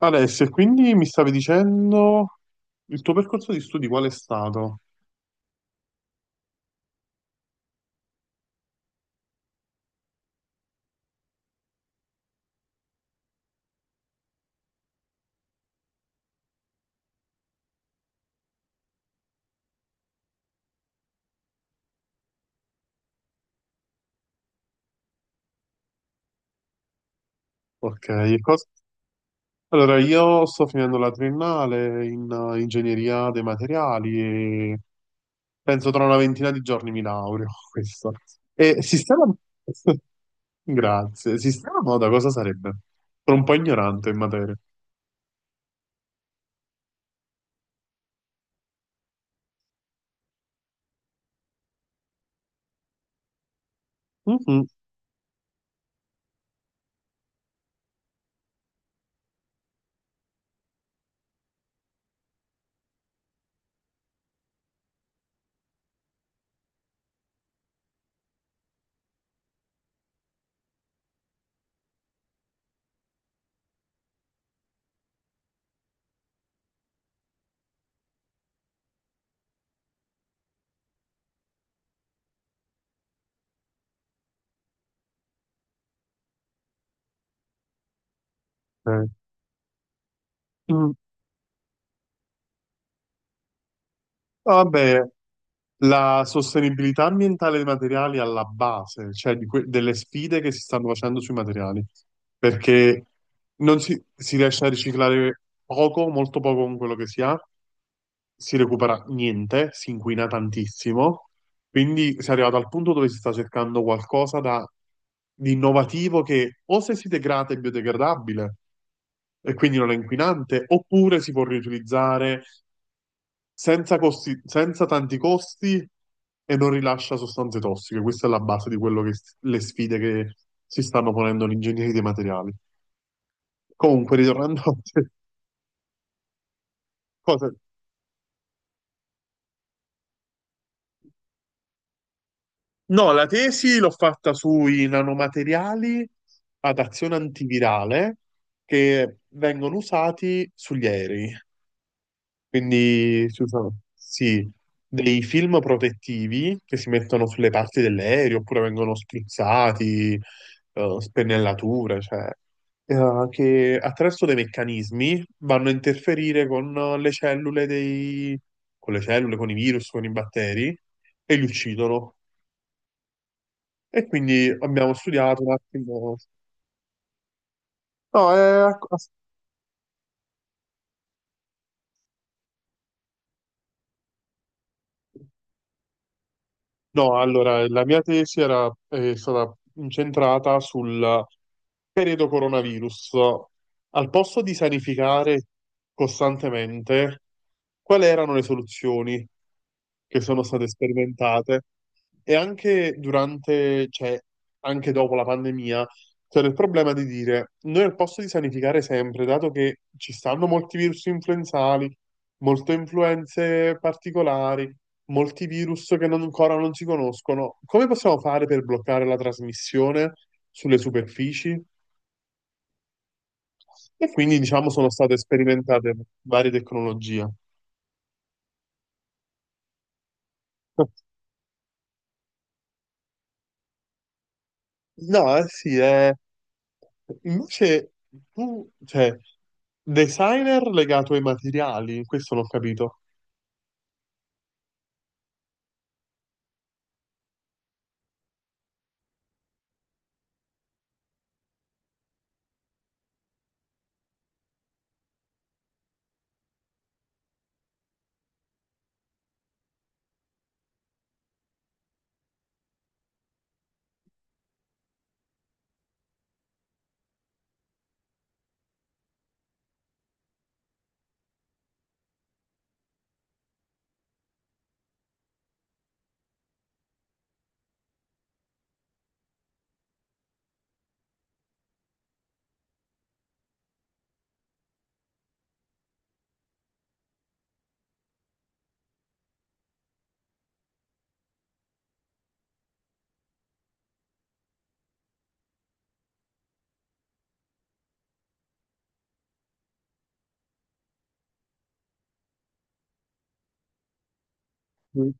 Alessia, quindi mi stavi dicendo il tuo percorso di studi qual è stato? Ok, e allora io sto finendo la triennale in ingegneria dei materiali e penso tra una ventina di giorni mi laureo, questo. E sistema... Grazie. Sistema moda cosa sarebbe? Sono un po' ignorante in materia. Mhm. Ok. Mm. No, vabbè, la sostenibilità ambientale dei materiali è alla base, cioè di delle sfide che si stanno facendo sui materiali, perché non si, si riesce a riciclare poco, molto poco con quello che si ha, si recupera niente, si inquina tantissimo, quindi si è arrivato al punto dove si sta cercando qualcosa da, di innovativo che o se si degrada è biodegradabile e quindi non è inquinante, oppure si può riutilizzare senza tanti costi e non rilascia sostanze tossiche. Questa è la base di quello che le sfide che si stanno ponendo gli ingegneri dei materiali. Comunque, ritornando a cose. No, la tesi l'ho fatta sui nanomateriali ad azione antivirale che vengono usati sugli aerei. Quindi si usano, sì, dei film protettivi che si mettono sulle parti dell'aereo oppure vengono spruzzati, spennellature, cioè, che attraverso dei meccanismi vanno a interferire con le cellule dei, con le cellule, con i virus, con i batteri e li uccidono. E quindi abbiamo studiato un attimo. No, è, No, allora, la mia tesi era, è stata incentrata sul periodo coronavirus. Al posto di sanificare costantemente, quali erano le soluzioni che sono state sperimentate? E anche durante, cioè, anche dopo la pandemia, c'era il problema di dire, noi al posto di sanificare sempre, dato che ci stanno molti virus influenzali, molte influenze particolari, molti virus che ancora non si conoscono, come possiamo fare per bloccare la trasmissione sulle superfici? E quindi, diciamo, sono state sperimentate varie tecnologie. No, eh sì, è... Invece tu, cioè, designer legato ai materiali, questo non ho capito. Mm.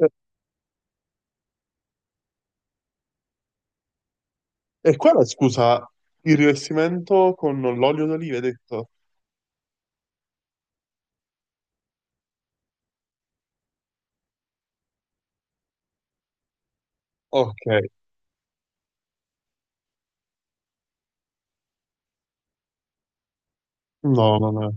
E e qua la scusa, il rivestimento con l'olio d'oliva, hai detto? Ok, no,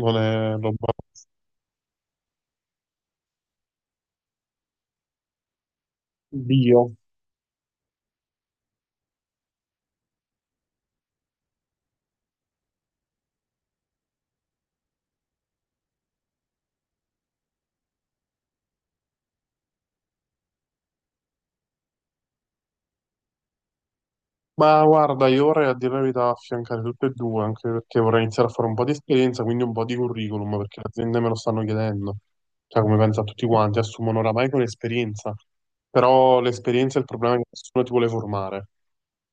non è roba bio. Ma guarda, io vorrei a dire la verità affiancare tutte e due, anche perché vorrei iniziare a fare un po' di esperienza, quindi un po' di curriculum, perché le aziende me lo stanno chiedendo. Cioè, come pensa tutti quanti, assumono oramai con l'esperienza, però l'esperienza è il problema è che nessuno ti vuole formare.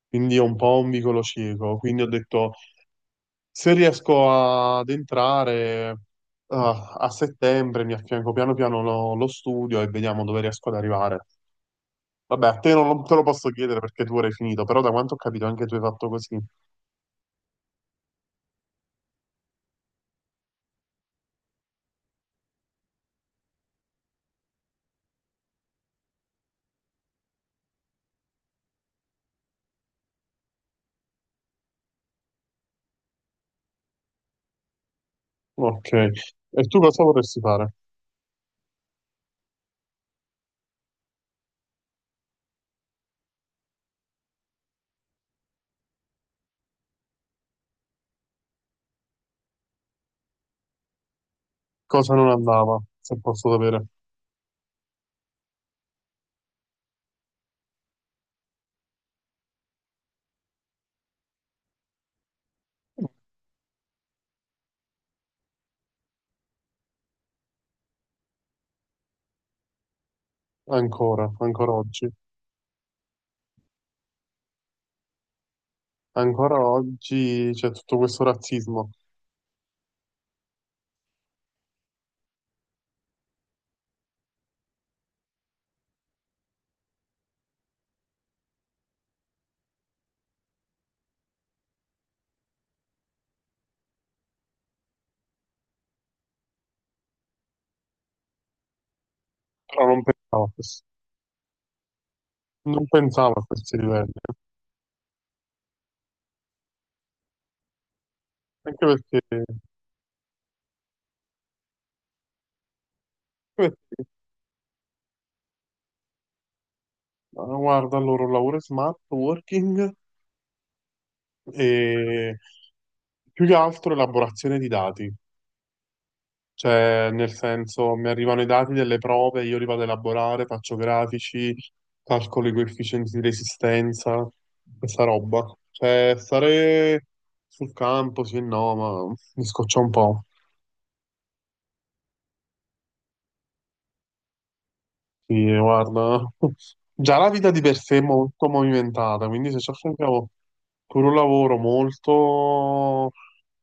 Quindi è un po' un vicolo cieco. Quindi ho detto, se riesco ad entrare a settembre, mi affianco piano piano lo studio e vediamo dove riesco ad arrivare. Vabbè, a te non lo- te lo posso chiedere perché tu ora hai finito, però da quanto ho capito anche tu hai fatto così. Ok, e tu cosa vorresti fare? Cosa non andava, se posso sapere, ancora, ancora oggi? Ancora oggi c'è tutto questo razzismo, però non pensavo a questo, non pensavo a questi livelli, eh. anche perché, anche perché, ah, guarda, il loro lavoro è smart working e più che altro elaborazione di dati. Cioè, nel senso, mi arrivano i dati delle prove, io li vado a elaborare, faccio grafici, calcolo i coefficienti di resistenza, questa roba. Cioè, stare sul campo, sì e no, ma mi scoccia un po'. Sì, guarda, già la vita di per sé è molto movimentata, quindi se ci affianchiamo pure un lavoro molto...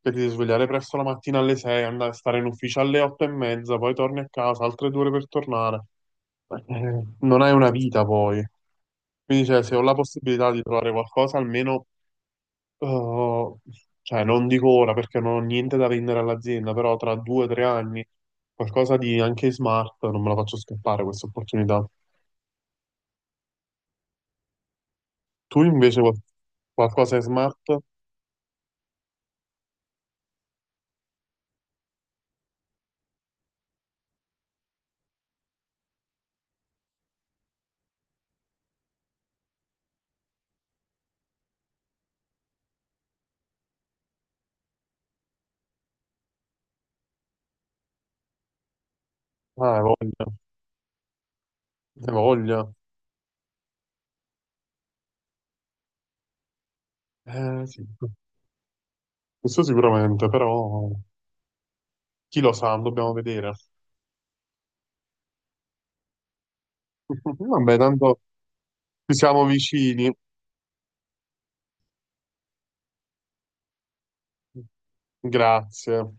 che ti devi svegliare presto la mattina alle 6, andare a stare in ufficio alle 8 e mezza, poi torni a casa, altre 2 ore per tornare. Non hai una vita poi. Quindi, cioè, se ho la possibilità di trovare qualcosa, almeno, eh, cioè, non dico ora perché non ho niente da vendere all'azienda, però tra 2 o 3 anni, qualcosa di anche smart, non me la faccio scappare questa opportunità. Tu invece qualcosa è smart? Ah, hai voglia, hai voglia. Sì, questo sicuramente, però chi lo sa, dobbiamo vedere. Vabbè, tanto ci siamo vicini. Grazie.